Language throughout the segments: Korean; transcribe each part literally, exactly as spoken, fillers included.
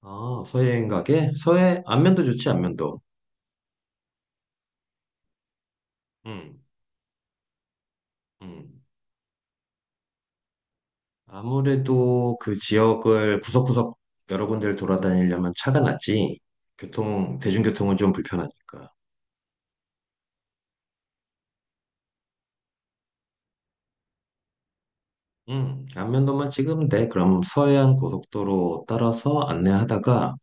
아, 서해행 가게? 서해, 안면도 좋지, 안면도. 음, 음, 아무래도 그 지역을 구석구석 여러 군데를 돌아다니려면 차가 낫지, 교통, 대중교통은 좀 불편하니까. 음, 안면도만 찍으면 돼. 그럼 서해안 고속도로 따라서 안내하다가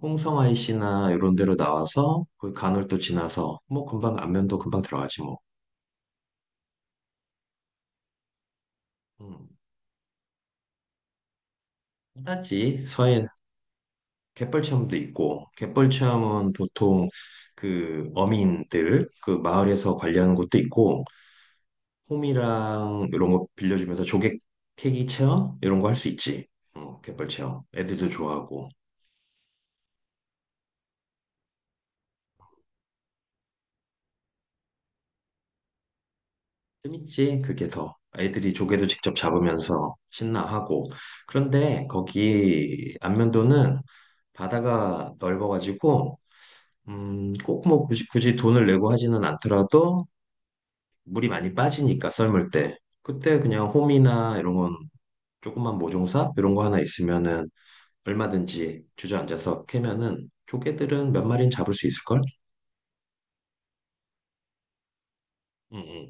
홍성 아이씨나 이런 데로 나와서 그 간을 도 지나서 뭐 금방 안면도 금방 들어가지 뭐. 음, 편하지. 서해 갯벌 체험도 있고 갯벌 체험은 보통 그 어민들 그 마을에서 관리하는 것도 있고 홈이랑 이런 거 빌려주면서 조개 캐기 체험 이런 거 할 수 있지. 어, 갯벌 체험 애들도 좋아하고 재밌지. 그게 더 애들이 조개도 직접 잡으면서 신나하고. 그런데 거기 안면도는 바다가 넓어가지고 음, 꼭 뭐 굳이, 굳이 돈을 내고 하지는 않더라도 물이 많이 빠지니까 썰물 때 그때 그냥 홈이나 이런 건 조그만 모종사 이런 거 하나 있으면은 얼마든지 주저앉아서 캐면은 조개들은 몇 마리는 잡을 수 있을걸? 응응.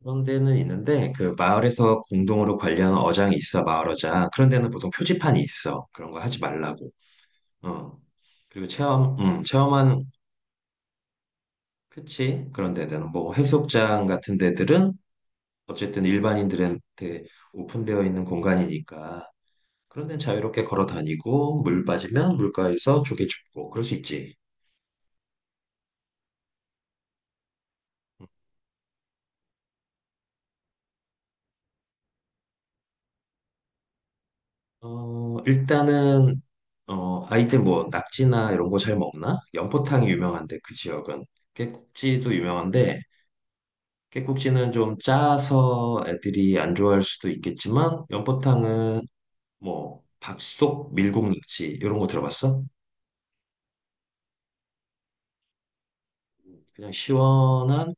그런 데는 있는데 그 마을에서 공동으로 관리하는 어장이 있어. 마을 어장 그런 데는 보통 표지판이 있어, 그런 거 하지 말라고. 어. 그리고 체험 음 체험한 그치, 그런 데들은 뭐 해수욕장 같은 데들은 어쨌든 일반인들한테 오픈되어 있는 공간이니까 그런 데는 자유롭게 걸어 다니고 물 빠지면 물가에서 조개 줍고 그럴 수 있지. 어, 일단은 어, 아이들 뭐 낙지나 이런 거 잘 먹나? 연포탕이 유명한데 그 지역은. 깨국지도 유명한데, 깨국지는 좀 짜서 애들이 안 좋아할 수도 있겠지만, 연포탕은 뭐 박속 밀국 낙지 이런 거 들어봤어? 그냥 시원한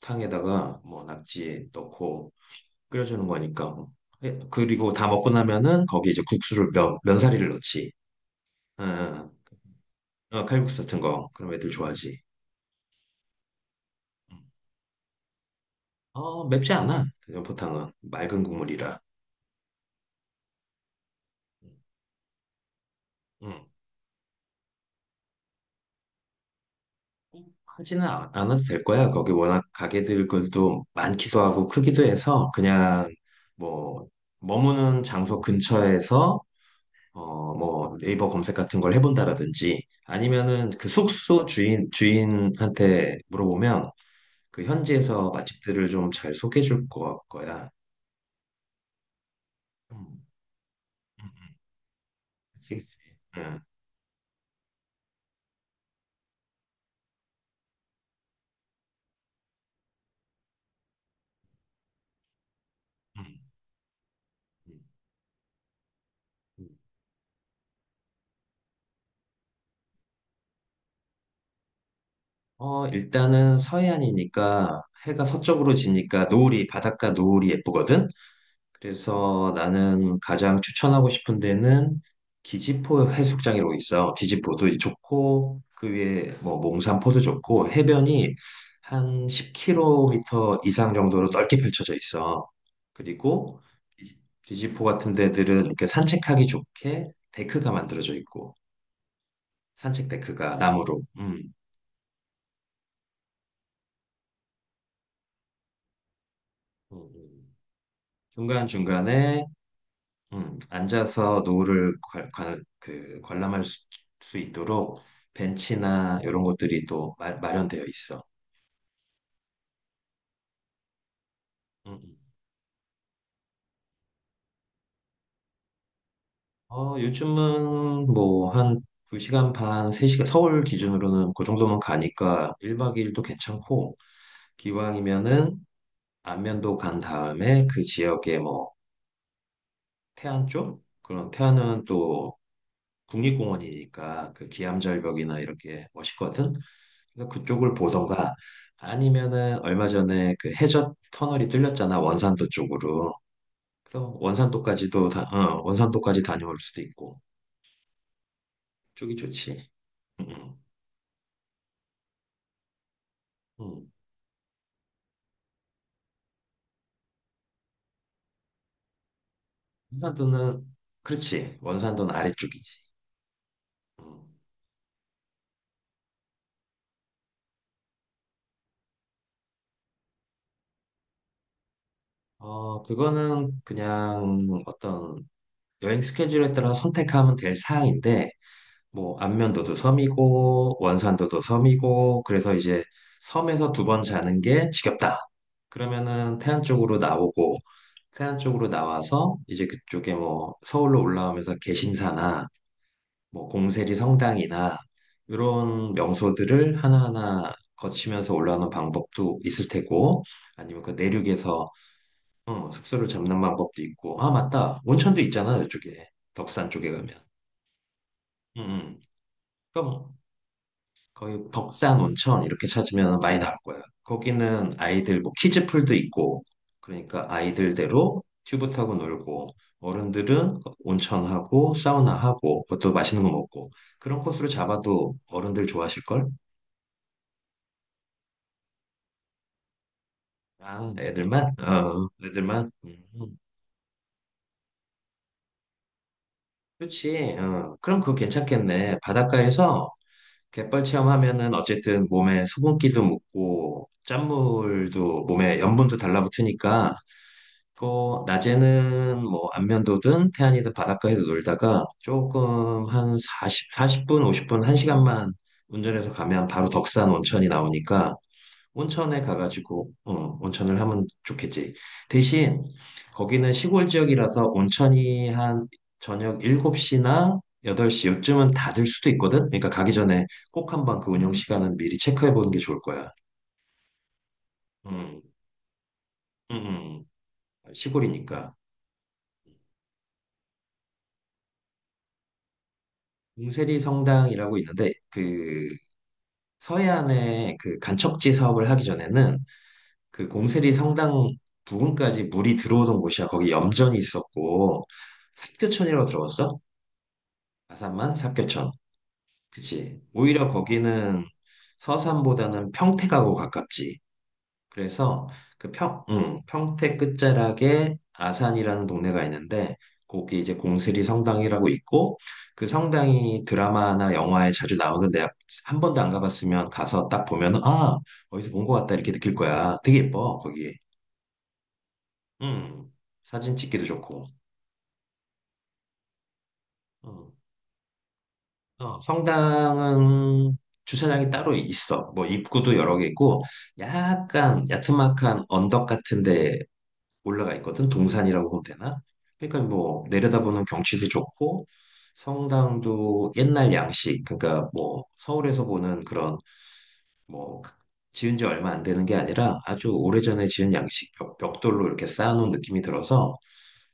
무탕에다가 뭐 낙지 넣고 끓여주는 거니까. 예, 그리고 다 먹고 나면은 거기 이제 국수를 면, 면사리를 넣지. 응, 응. 어, 칼국수 같은 거. 그럼 애들 좋아하지. 응. 어, 맵지 않아. 그냥 보통은 맑은 국물이라. 응. 꼭 하지는 아- 않아도 될 거야. 거기 워낙 가게들 것도 많기도 하고 크기도 해서 그냥 뭐 머무는 장소 근처에서 어, 뭐 네이버 검색 같은 걸 해본다라든지, 아니면은 그 숙소 주인 주인한테 물어보면 그 현지에서 맛집들을 좀 잘 소개해 줄 거, 거야. 음, 음, 음. 그치, 그치. 응, 응, 응, 응. 어, 일단은 서해안이니까 해가 서쪽으로 지니까 노을이, 바닷가 노을이 예쁘거든? 그래서 나는 가장 추천하고 싶은 데는 기지포 해수욕장이라고 있어. 기지포도 좋고, 그 위에 뭐 몽산포도 좋고, 해변이 한 십 킬로미터 이상 정도로 넓게 펼쳐져 있어. 그리고 리지- 포 같은 데들은 이렇게 산책하기 좋게 데크가 만들어져 있고, 산책 데크가 나무로. 음, 음, 음. 중간중간에 음, 앉아서 노을을 관, 관, 그 관람할 수, 수 있도록 벤치나 이런 것들이 또 마, 마련되어 있어. 음, 음. 어, 요즘은 뭐 한 두 시간 반, 세 시간, 서울 기준으로는 그 정도면 가니까 일 박 이 일도 괜찮고, 기왕이면은 안면도 간 다음에 그 지역에 뭐 태안 쪽? 그럼 태안은 또 국립공원이니까 그 기암절벽이나 이렇게 멋있거든. 그래서 그쪽을 보던가, 아니면은 얼마 전에 그 해저 터널이 뚫렸잖아, 원산도 쪽으로. 그래서 원산도까지도 다, 어, 원산도까지 다녀올 수도 있고 쪽이 좋지. 응, 응, 응. 원산도는 그렇지. 원산도는 아래쪽이지. 음. 어, 그거는 그냥 어떤 여행 스케줄에 따라 선택하면 될 사항인데, 뭐, 안면도도 섬이고, 원산도도 섬이고, 그래서 이제 섬에서 두 번 자는 게 지겹다, 그러면은 태안 쪽으로 나오고, 태안 쪽으로 나와서 이제 그쪽에 뭐, 서울로 올라오면서 개심사나, 뭐, 공세리 성당이나, 이런 명소들을 하나하나 거치면서 올라오는 방법도 있을 테고, 아니면 그 내륙에서 어, 숙소를 잡는 방법도 있고. 아, 맞다. 온천도 있잖아, 이쪽에. 덕산 쪽에 가면. 음, 음. 그럼 거의 덕산 온천 이렇게 찾으면 많이 나올 거야. 거기는 아이들 뭐 키즈풀도 있고, 그러니까 아이들대로 튜브 타고 놀고, 어른들은 온천하고 사우나하고, 그것도 맛있는 거 먹고, 그런 코스로 잡아도 어른들 좋아하실걸? 아, 애들만? 어, 애들만? 음, 그렇지. 어. 그럼 그거 괜찮겠네. 바닷가에서 갯벌 체험하면은 어쨌든 몸에 수분기도 묻고, 짠물도 몸에 염분도 달라붙으니까. 또 낮에는 뭐 안면도든 태안이든 바닷가에서 놀다가 조금 한 사십, 사십 분, 오십 분, 한 시간만 운전해서 가면 바로 덕산 온천이 나오니까 온천에 가가지고 어, 온천을 하면 좋겠지. 대신 거기는 시골 지역이라서 온천이 한 저녁 일곱 시나 여덟 시 요쯤은 닫을 수도 있거든. 그러니까 가기 전에 꼭 한번 그 운영 시간은 미리 체크해 보는 게 좋을 거야. 음, 음, 음. 시골이니까. 봉세리 성당이라고 있는데, 그 서해안에 그 간척지 사업을 하기 전에는 그 봉세리 성당 부근까지 물이 들어오던 곳이야. 거기 염전이 있었고. 삽교천이라고 들어봤어? 아산만 삽교천. 그치. 오히려 거기는 서산보다는 평택하고 가깝지. 그래서 그 평, 응, 평택 끝자락에 아산이라는 동네가 있는데 거기 이제 공스리 성당이라고 있고, 그 성당이 드라마나 영화에 자주 나오는데, 한 번도 안 가봤으면 가서 딱 보면 아, 어디서 본 것 같다 이렇게 느낄 거야. 되게 예뻐, 거기. 음. 사진 찍기도 좋고. 음. 어, 성당은 주차장이 따로 있어. 뭐 입구도 여러 개 있고, 약간 야트막한 언덕 같은데 올라가 있거든. 동산이라고 보면 되나? 그러니까 뭐 내려다보는 경치도 좋고, 성당도 옛날 양식, 그러니까 뭐 서울에서 보는 그런 뭐 지은 지 얼마 안 되는 게 아니라 아주 오래전에 지은 양식, 벽, 벽돌로 이렇게 쌓아놓은 느낌이 들어서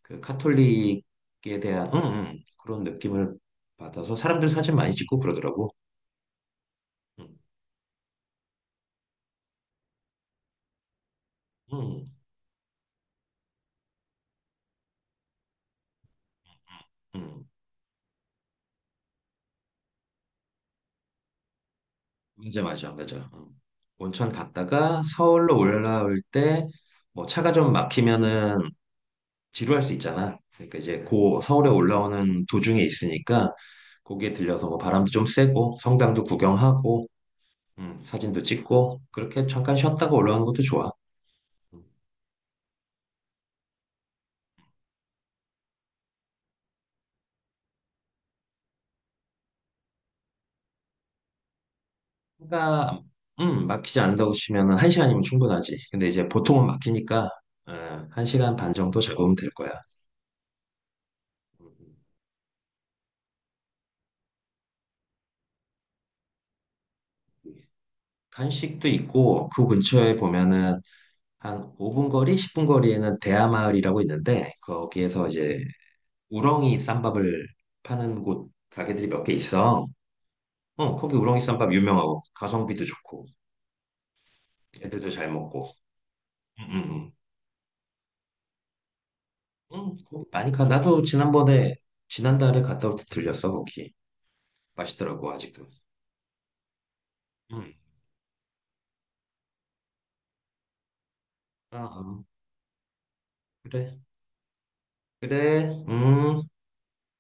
그 카톨릭에 대한 음, 음, 그런 느낌을 받아서 사람들 사진 많이 찍고 그러더라고. 음, 음, 음. 맞아, 맞아, 맞아. 음. 온천 갔다가 서울로 올라올 때 뭐 차가 좀 막히면은 지루할 수 있잖아. 그러니까 이제 고 서울에 올라오는 도중에 있으니까 거기에 들려서 뭐 바람도 좀 쐬고 성당도 구경하고 음, 사진도 찍고 그렇게 잠깐 쉬었다가 올라오는 것도 좋아. 음, 그러니까 음, 막히지 않는다고 치면은 한 시간이면 충분하지. 근데 이제 보통은 막히니까 어, 한 시간 반 정도 잡으면 될 거야. 음, 음. 간식도 있고 그 근처에 보면은 한 오 분 거리, 십 분 거리에는 대하마을이라고 있는데 거기에서 이제 우렁이 쌈밥을 파는 곳 가게들이 몇 개 있어. 어, 거기 우렁이 쌈밥 유명하고 가성비도 좋고 애들도 잘 먹고. 응, 응, 응. 응, 거기 많이 가. 나도 지난번에 지난달에 갔다 올 때 들렸어, 거기. 맛있더라고 아직도. 응. 아, 어, 그래. 그래. 음.